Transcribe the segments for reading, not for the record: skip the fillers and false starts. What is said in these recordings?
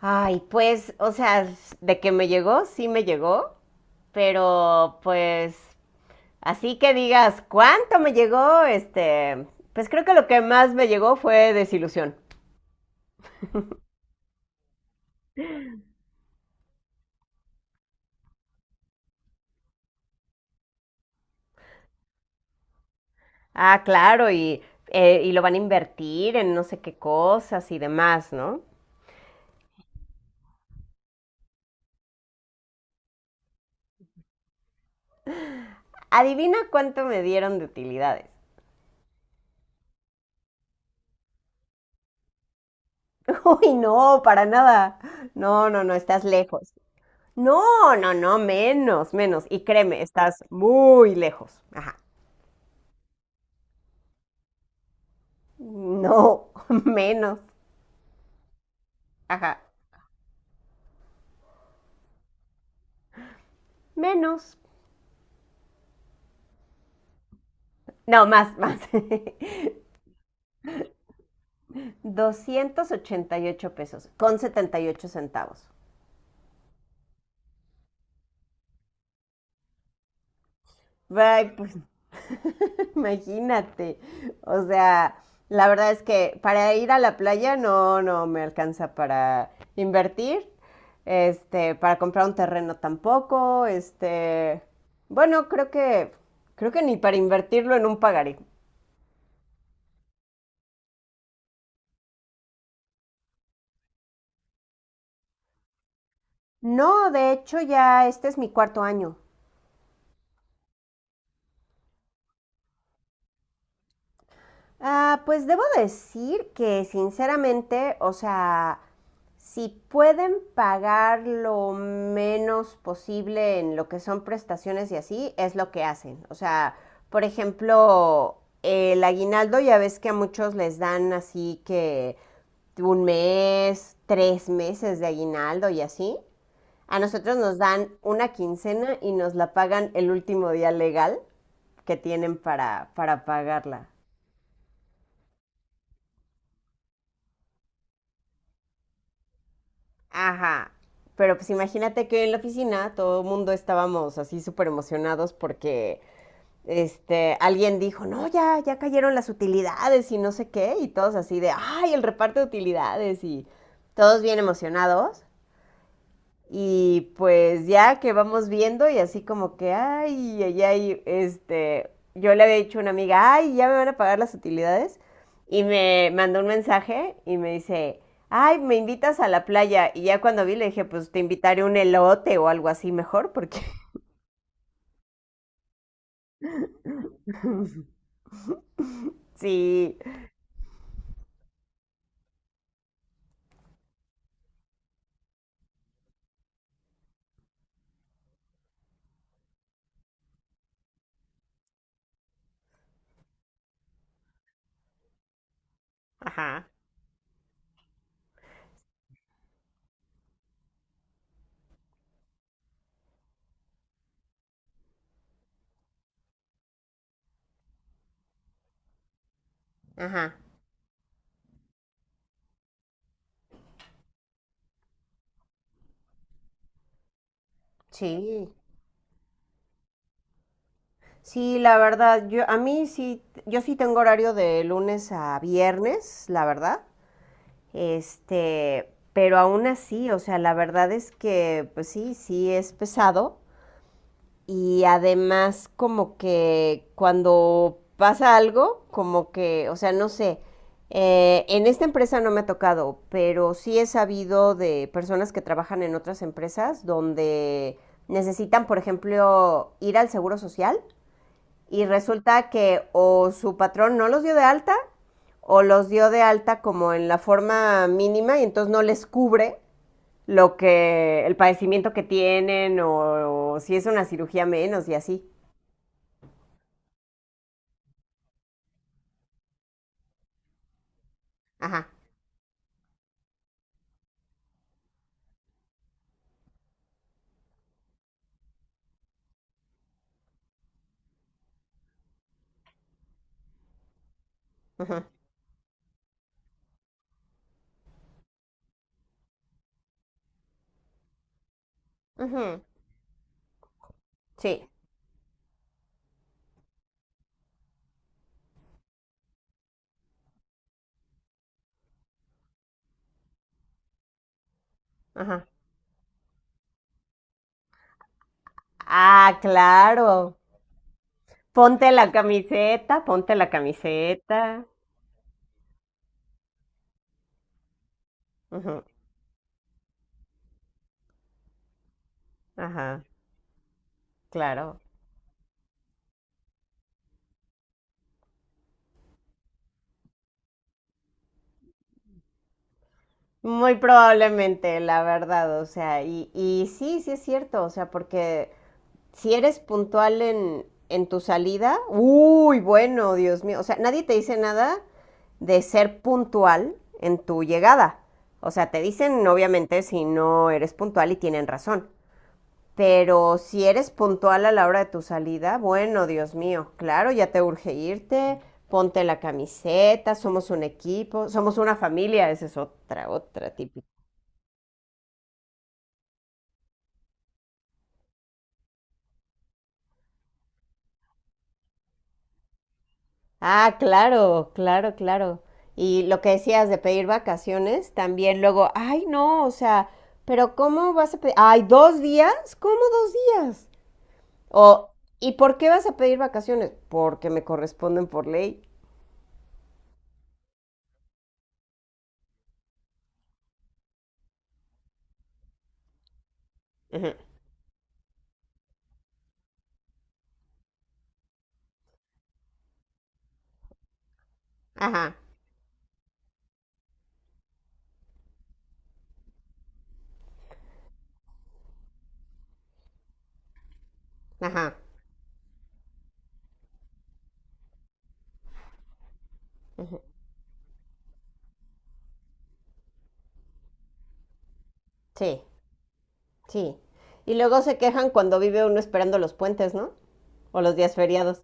Ay, pues, o sea, de que me llegó, sí me llegó, pero pues, así que digas, ¿cuánto me llegó? Este, pues creo que lo que más me llegó fue desilusión. Ah, claro, y lo van a invertir en no sé qué cosas y demás, ¿no? Adivina cuánto me dieron de utilidades. Uy, no, para nada. No, no, no, estás lejos. No, no, no, menos, menos. Y créeme, estás muy lejos. Ajá. No, menos. Ajá, menos. No, más, más. $288.78. Ay, pues imagínate. O sea, la verdad es que para ir a la playa no, no me alcanza para invertir. Este, para comprar un terreno tampoco. Este, bueno, creo que ni para invertirlo en un pagaré. No, de hecho ya este es mi cuarto año. Ah, pues debo decir que sinceramente, o sea, si pueden pagar lo menos posible en lo que son prestaciones y así, es lo que hacen. O sea, por ejemplo, el aguinaldo ya ves que a muchos les dan así que un mes, 3 meses de aguinaldo y así. A nosotros nos dan una quincena y nos la pagan el último día legal que tienen para pagarla. Ajá. Pero pues imagínate que en la oficina todo el mundo estábamos así súper emocionados porque este, alguien dijo, no, ya, ya cayeron las utilidades y no sé qué, y todos así de, ay, el reparto de utilidades y todos bien emocionados. Y pues ya que vamos viendo y así como que, ay, ay, ay, este, yo le había dicho a una amiga, ay, ya me van a pagar las utilidades. Y me mandó un mensaje y me dice, ay, me invitas a la playa. Y ya cuando vi le dije, pues te invitaré un elote o algo así mejor, porque sí. Ajá, ajá, sí. Sí, la verdad, yo a mí sí, yo sí tengo horario de lunes a viernes, la verdad. Este, pero aún así, o sea, la verdad es que, pues sí, sí es pesado. Y además, como que cuando pasa algo, como que, o sea, no sé, en esta empresa no me ha tocado, pero sí he sabido de personas que trabajan en otras empresas donde necesitan, por ejemplo, ir al seguro social y resulta que o su patrón no los dio de alta o los dio de alta como en la forma mínima y entonces no les cubre lo que el padecimiento que tienen o, si es una cirugía menos y así. Ajá. Ajá. Ajá. Sí. Ajá. Ah, claro. Ponte la camiseta, ponte la camiseta. Ujú, ajá, claro. Muy probablemente, la verdad, o sea, y sí, sí es cierto, o sea, porque si eres puntual en tu salida, uy, bueno, Dios mío, o sea, nadie te dice nada de ser puntual en tu llegada. O sea, te dicen obviamente si no eres puntual y tienen razón. Pero si eres puntual a la hora de tu salida, bueno, Dios mío, claro, ya te urge irte, ponte la camiseta, somos un equipo, somos una familia, esa es otra, otra típica. Ah, claro, claro, claro. Y lo que decías de pedir vacaciones, también luego, ay, no, o sea, pero ¿cómo vas a pedir? Ay, ¿2 días? ¿Cómo 2 días? O, ¿y por qué vas a pedir vacaciones? Porque me corresponden por ley. Ujú. Ajá, ajá, ujú. Sí, sí. Y luego se quejan cuando vive uno esperando los puentes, ¿no? O los días feriados.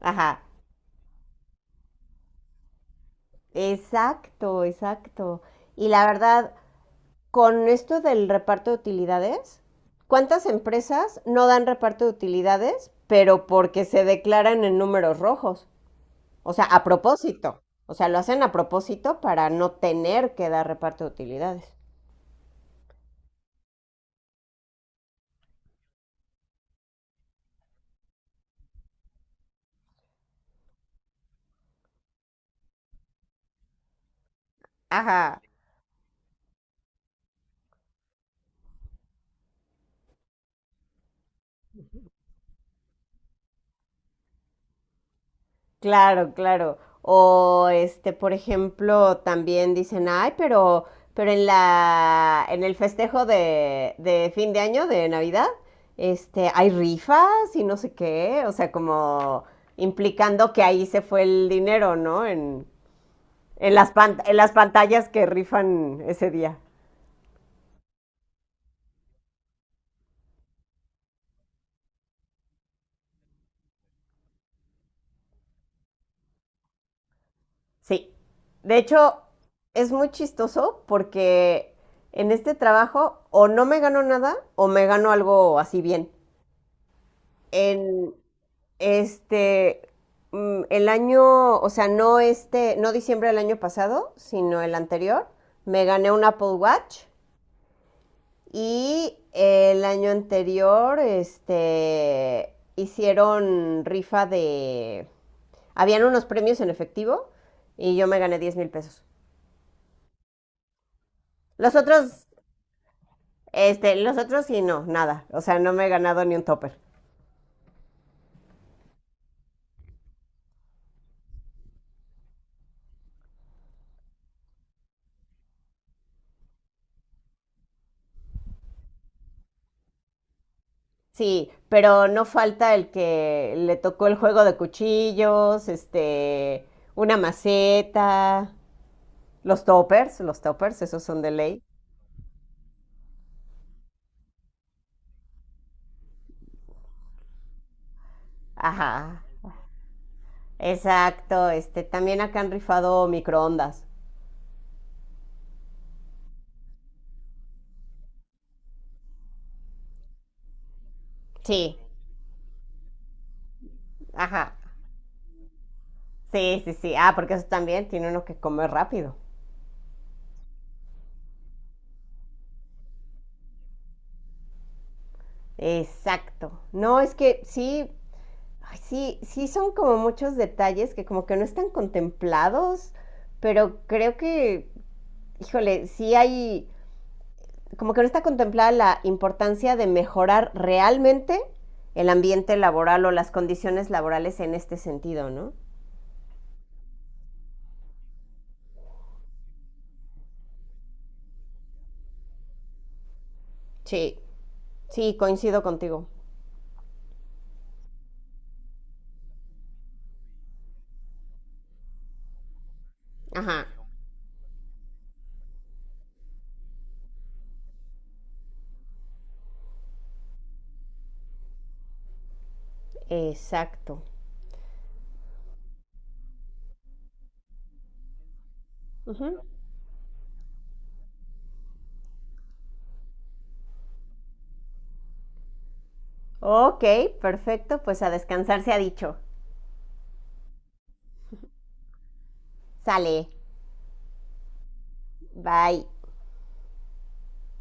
Ajá, exacto, exacto. Y la verdad, con esto del reparto de utilidades, ¿cuántas empresas no dan reparto de utilidades, pero porque se declaran en números rojos? O sea, a propósito. O sea, lo hacen a propósito para no tener que dar reparto de utilidades. Ajá. Claro, claro. O este, por ejemplo, también dicen, ay, pero en en el festejo de fin de año, de Navidad, este, hay rifas y no sé qué. O sea, como implicando que ahí se fue el dinero, ¿no? En las pantallas que rifan ese día. Sí. De hecho, es muy chistoso porque en este trabajo o no me gano nada o me gano algo así bien. En, Este, el año, o sea, no este, no diciembre del año pasado, sino el anterior, me gané un Apple Watch y el año anterior, este, hicieron rifa de, habían unos premios en efectivo y yo me gané $10,000. Los otros, los otros sí, no, nada, o sea, no me he ganado ni un topper. Sí, pero no falta el que le tocó el juego de cuchillos, este, una maceta, los toppers, esos son de ley. Ajá, exacto, este, también acá han rifado microondas. Sí, ajá, sí, sí, sí, ah, porque eso también tiene uno que comer rápido. Exacto, no, es que sí, ay, sí, sí son como muchos detalles que como que no están contemplados, pero creo que híjole, sí hay, como que no está contemplada la importancia de mejorar realmente el ambiente laboral o las condiciones laborales en este sentido, ¿no? Sí, sí, coincido contigo. Ajá, exacto. Ujú. Ok, perfecto, pues a descansar se ha dicho. Sale, bye.